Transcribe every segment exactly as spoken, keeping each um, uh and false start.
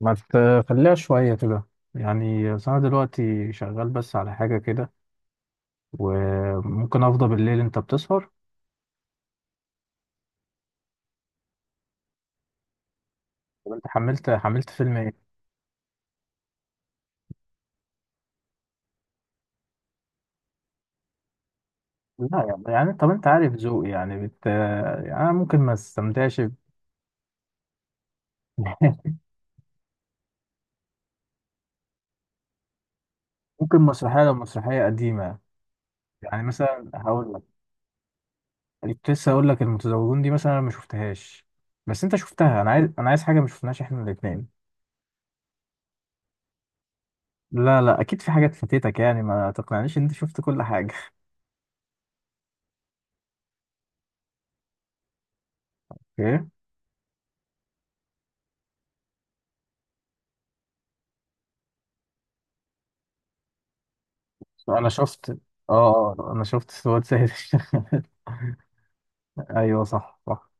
ما تخليها شوية كده. يعني أصل أنا دلوقتي شغال بس على حاجة كده، وممكن أفضى بالليل. أنت بتسهر؟ طب أنت حملت حملت فيلم إيه؟ لا يعني, يعني طب أنت عارف ذوقي، يعني, بت... يعني أنا ممكن ما استمتعش ب- ممكن مسرحية، لو مسرحية قديمة. يعني مثلا هقول لك، كنت لسه هقول لك المتزوجون دي مثلا، أنا ما شفتهاش بس أنت شفتها. أنا عايز أنا عايز حاجة ما شفناهاش إحنا الاتنين. لا لا، أكيد في حاجات فاتتك، يعني ما تقنعنيش إن أنت شفت كل حاجة. إيه؟ انا شفت، اه. آه، انا شفت سواد سيد الشغال. ايوه، صح صح.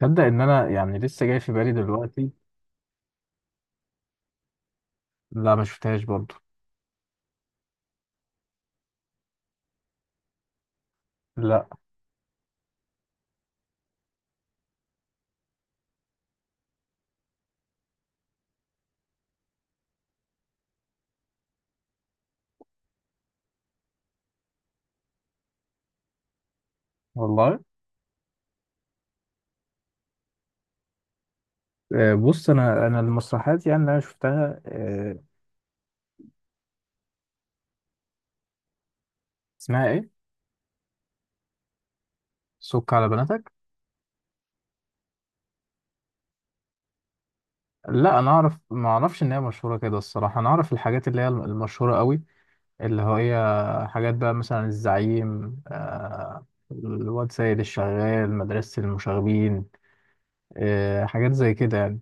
تصدق ان انا يعني لسه جاي في بالي دلوقتي. لا، ما شفتهاش برضو. لا. والله. آه، بص، انا انا المسرحيات يعني اللي انا شفتها آه، اسمها ايه؟ سك على بناتك. لا، انا اعرف، ما اعرفش ان هي مشهوره كده الصراحه. انا اعرف الحاجات اللي هي المشهوره قوي، اللي هي حاجات بقى مثلا الزعيم، آه، الواد سيد الشغال، مدرسه المشاغبين آه، حاجات زي كده يعني.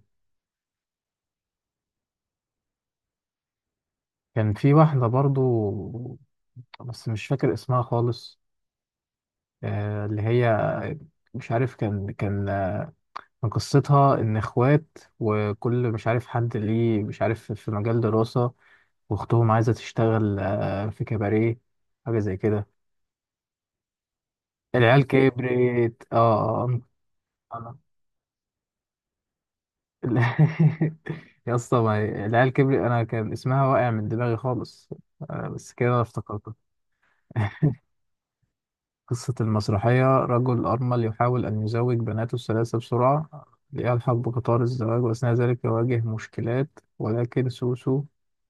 كان في واحدة برضو، بس مش فاكر اسمها خالص. آه، اللي هي مش عارف، كان كان كان قصتها إن إخوات، وكل مش عارف حد ليه مش عارف في مجال دراسة، وأختهم عايزة تشتغل آه، في كباريه. حاجة زي كده. العيال كبرت، اه. آه، أنا يا اسطى، ما هي- العيال كبرت أنا كان اسمها واقع من دماغي خالص. آه، بس كده أنا افتكرتها. قصة المسرحية: رجل أرمل يحاول أن يزوج بناته الثلاثة بسرعة ليلحق بقطار الزواج، وأثناء ذلك يواجه مشكلات، ولكن سوسو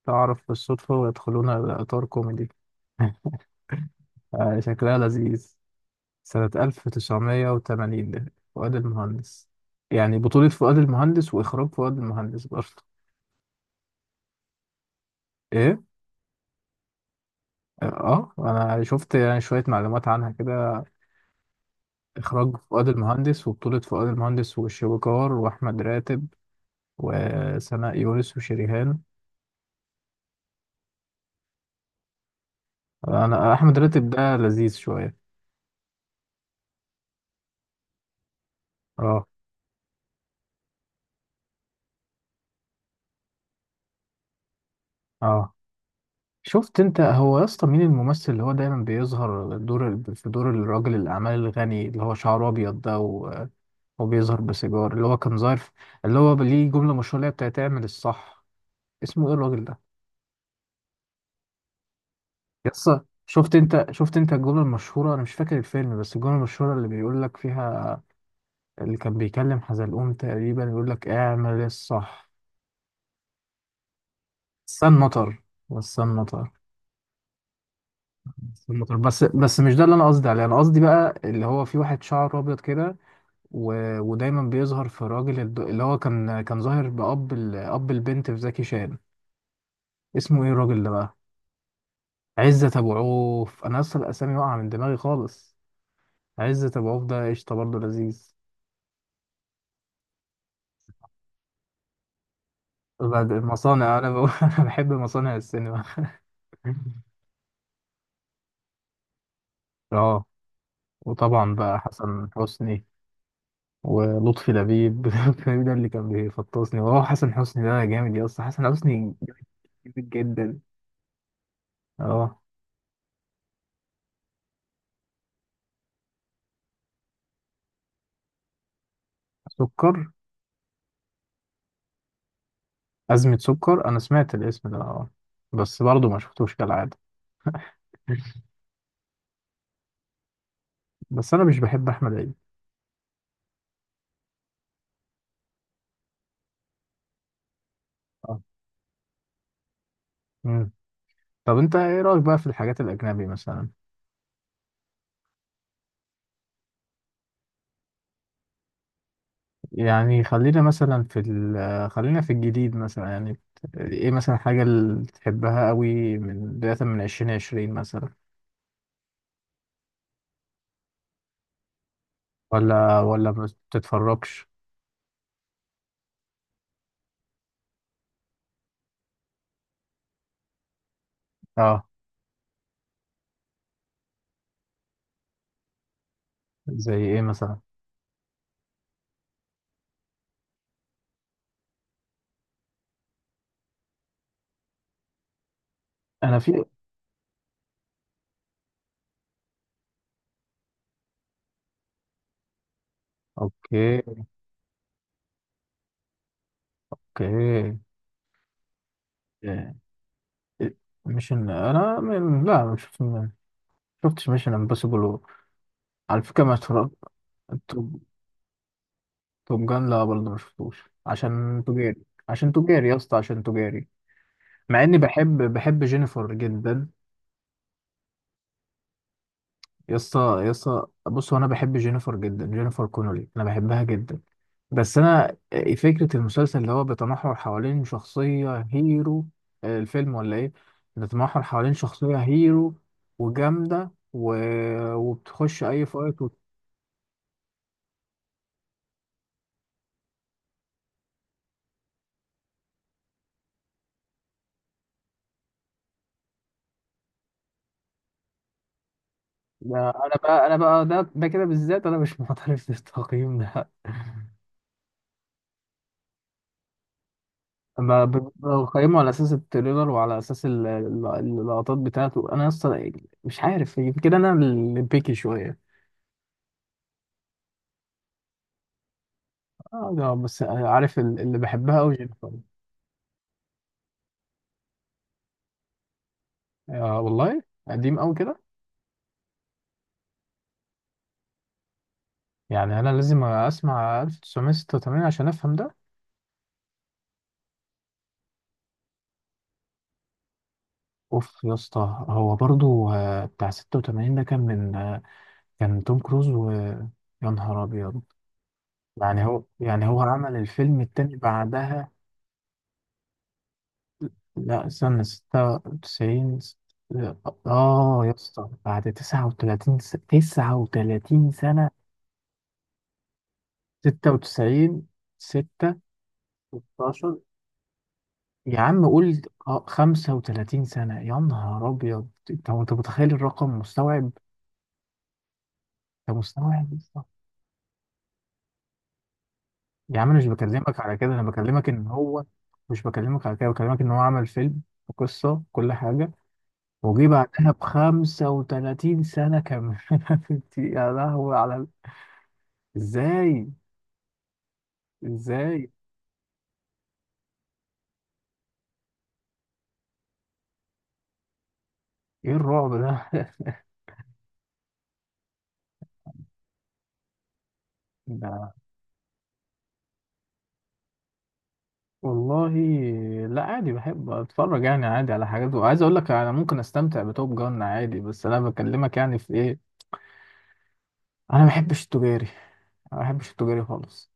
تعرف بالصدفة، ويدخلون إلى إطار كوميدي آه، شكلها لذيذ. سنة ألف وتسعمية وتمانين. فؤاد المهندس. يعني بطولة فؤاد المهندس وإخراج فؤاد المهندس برضه. إيه؟ آه، أنا شفت يعني شوية معلومات عنها كده. إخراج فؤاد المهندس، وبطولة فؤاد المهندس والشويكار وأحمد راتب وسناء يونس وشريهان. انا احمد راتب ده لذيذ شويه. اه. اه، شفت انت هو يا اسطى، مين الممثل اللي هو دايما بيظهر دور ال- في دور الراجل الاعمال الغني، اللي هو شعره ابيض ده، و- وبيظهر بسيجار، اللي هو كان ظاهر في- اللي هو ليه جمله مشهوره اللي هي بتاعت اعمل الصح؟ اسمه ايه الراجل ده؟ يا اسطى، شفت انت، شفت انت الجمله المشهوره؟ انا مش فاكر الفيلم بس الجمله المشهوره اللي بيقول لك فيها، اللي كان بيكلم حزلقوم تقريبا، يقول لك اعمل الصح. السن مطر. والسن مطر. المطر. بس بس مش ده اللي انا قصدي عليه. انا قصدي بقى اللي هو في واحد شعره ابيض كده و... ودايما بيظهر في الراجل الد... اللي هو كان كان ظاهر بأب ال... أب البنت في زكي شان. اسمه ايه الراجل ده بقى؟ عزت ابو عوف. انا اصلا الاسامي واقعه من دماغي خالص. عزت ابو عوف ده قشطه برضه، لذيذ. بعد المصانع انا بقول انا بحب مصانع السينما. اه. وطبعا بقى حسن حسني ولطفي لبيب. لطفي لبيب ده اللي كان بيفطسني. وهو حسن حسني ده جامد يا اسطى، حسن حسني جامد جدا. اه. سكر. أزمة سكر، أنا سمعت الاسم ده، اه. بس برضه ما شفتوش كالعادة. بس أنا مش بحب أحمد عيد. اه. مم. طب أنت إيه رأيك بقى في الحاجات الأجنبي مثلا؟ يعني خلينا مثلا في ال خلينا في الجديد مثلا يعني. إيه مثلا الحاجة اللي تحبها قوي، من بداية من عشرين عشرين مثلا؟ ولا ولا ما بتتفرجش؟ اه. زي إيه مثلا؟ أنا في. أوكي. أوكي. ميشن انا من... لا، ما شفت، ما شفتش ميشن امبوسيبل، على فكره ما اتفرجت. توب، توب جان لا برضه ما شفتوش عشان تجاري. عشان تجاري يا اسطى، عشان تجاري. مع اني بحب بحب جينيفر جدا. يا اسطى، يا اسطى بص، هو انا بحب جينيفر جدا، جينيفر كونولي، انا بحبها جدا. بس انا إيه، فكره المسلسل اللي هو بيتمحور حوالين شخصيه هيرو. الفيلم ولا ايه؟ بيتمحور حوالين شخصيه هيرو وجامده و... وبتخش اي فايت. لا، انا بقى انا بقى ده ده كده بالذات انا مش معترف بالتقييم ده. اما ب- بقيمه على اساس التريلر، وعلى اساس ال- ال- اللقطات بتاعته. انا اصلا مش عارف، يمكن انا اللي بيكي شويه. اه، ده بس عارف ال- اللي بحبها قوي جينيفر. آه والله. قديم قوي كده. يعني انا لازم اسمع ألف وتسعمية ستة وتمانين عشان افهم ده؟ اوف يا اسطى، هو برضو آه، بتاع ستة وتمانين ده كان من آه، كان توم كروز، ويا نهار ابيض. يعني هو، يعني هو عمل الفيلم التاني بعدها؟ لا، سنة ستة وتسعين. اه يا اسطى، بعد تسعة وتلاتين س... تسعة وتلاتين سنة. ستة وتسعين. ستة. ستاشر. يا عم قول. آه، خمسة وتلاتين سنة، يا نهار أبيض! أنت أنت متخيل الرقم؟ مستوعب؟ أنت مستوعب يا اسطى؟ يا عم، أنا مش بكلمك على كده، أنا بكلمك إن هو. مش بكلمك على كده، بكلمك إن هو عمل فيلم وقصة كل حاجة، وجي بعدها ب خمسة وتلاتين سنة كمان. انت-. يا لهوي على ال- ازاي؟ ازاي؟ ايه الرعب ده؟ ده. والله. لا عادي، بحب اتفرج يعني عادي على حاجات، وعايز اقول لك انا ممكن استمتع بتوب جان عادي، بس انا بكلمك يعني في ايه. انا ما بحبش التجاري، ما بحبش التجاري خالص.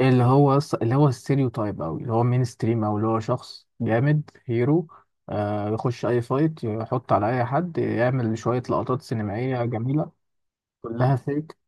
اللي هو أص- اللي هو الستيريو تايب أوي، اللي هو مين ستريم، أو اللي هو شخص جامد هيرو، آه يخش أي فايت، يحط على أي حد، يعمل شوية لقطات سينمائية جميلة، كلها فيك.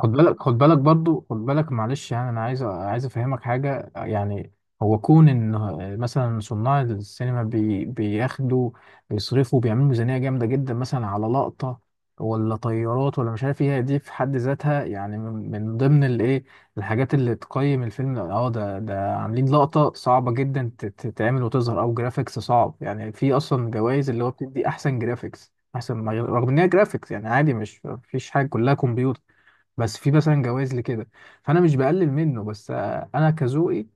خد بالك، خد بالك برضو خد بالك معلش، يعني انا عايز عايز افهمك حاجه. يعني هو كون ان مثلا صناع السينما بي بياخدوا، بيصرفوا، بيعملوا ميزانيه جامده جدا مثلا على لقطه، ولا طيارات، ولا مش عارف ايه، دي في حد ذاتها يعني من من ضمن الايه، الحاجات اللي تقيم الفيلم. اه، ده ده عاملين لقطه صعبه جدا تت- تتعمل وتظهر، او جرافيكس صعب. يعني في اصلا جوائز اللي هو بتدي احسن جرافيكس، احسن ما- رغم ان هي جرافيكس يعني عادي، مش، مفيش حاجه، كلها كمبيوتر، بس في مثلا جوائز لكده. فانا مش بقلل منه، بس آه، انا كذوقي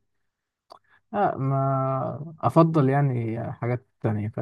آه ما افضل يعني حاجات تانية.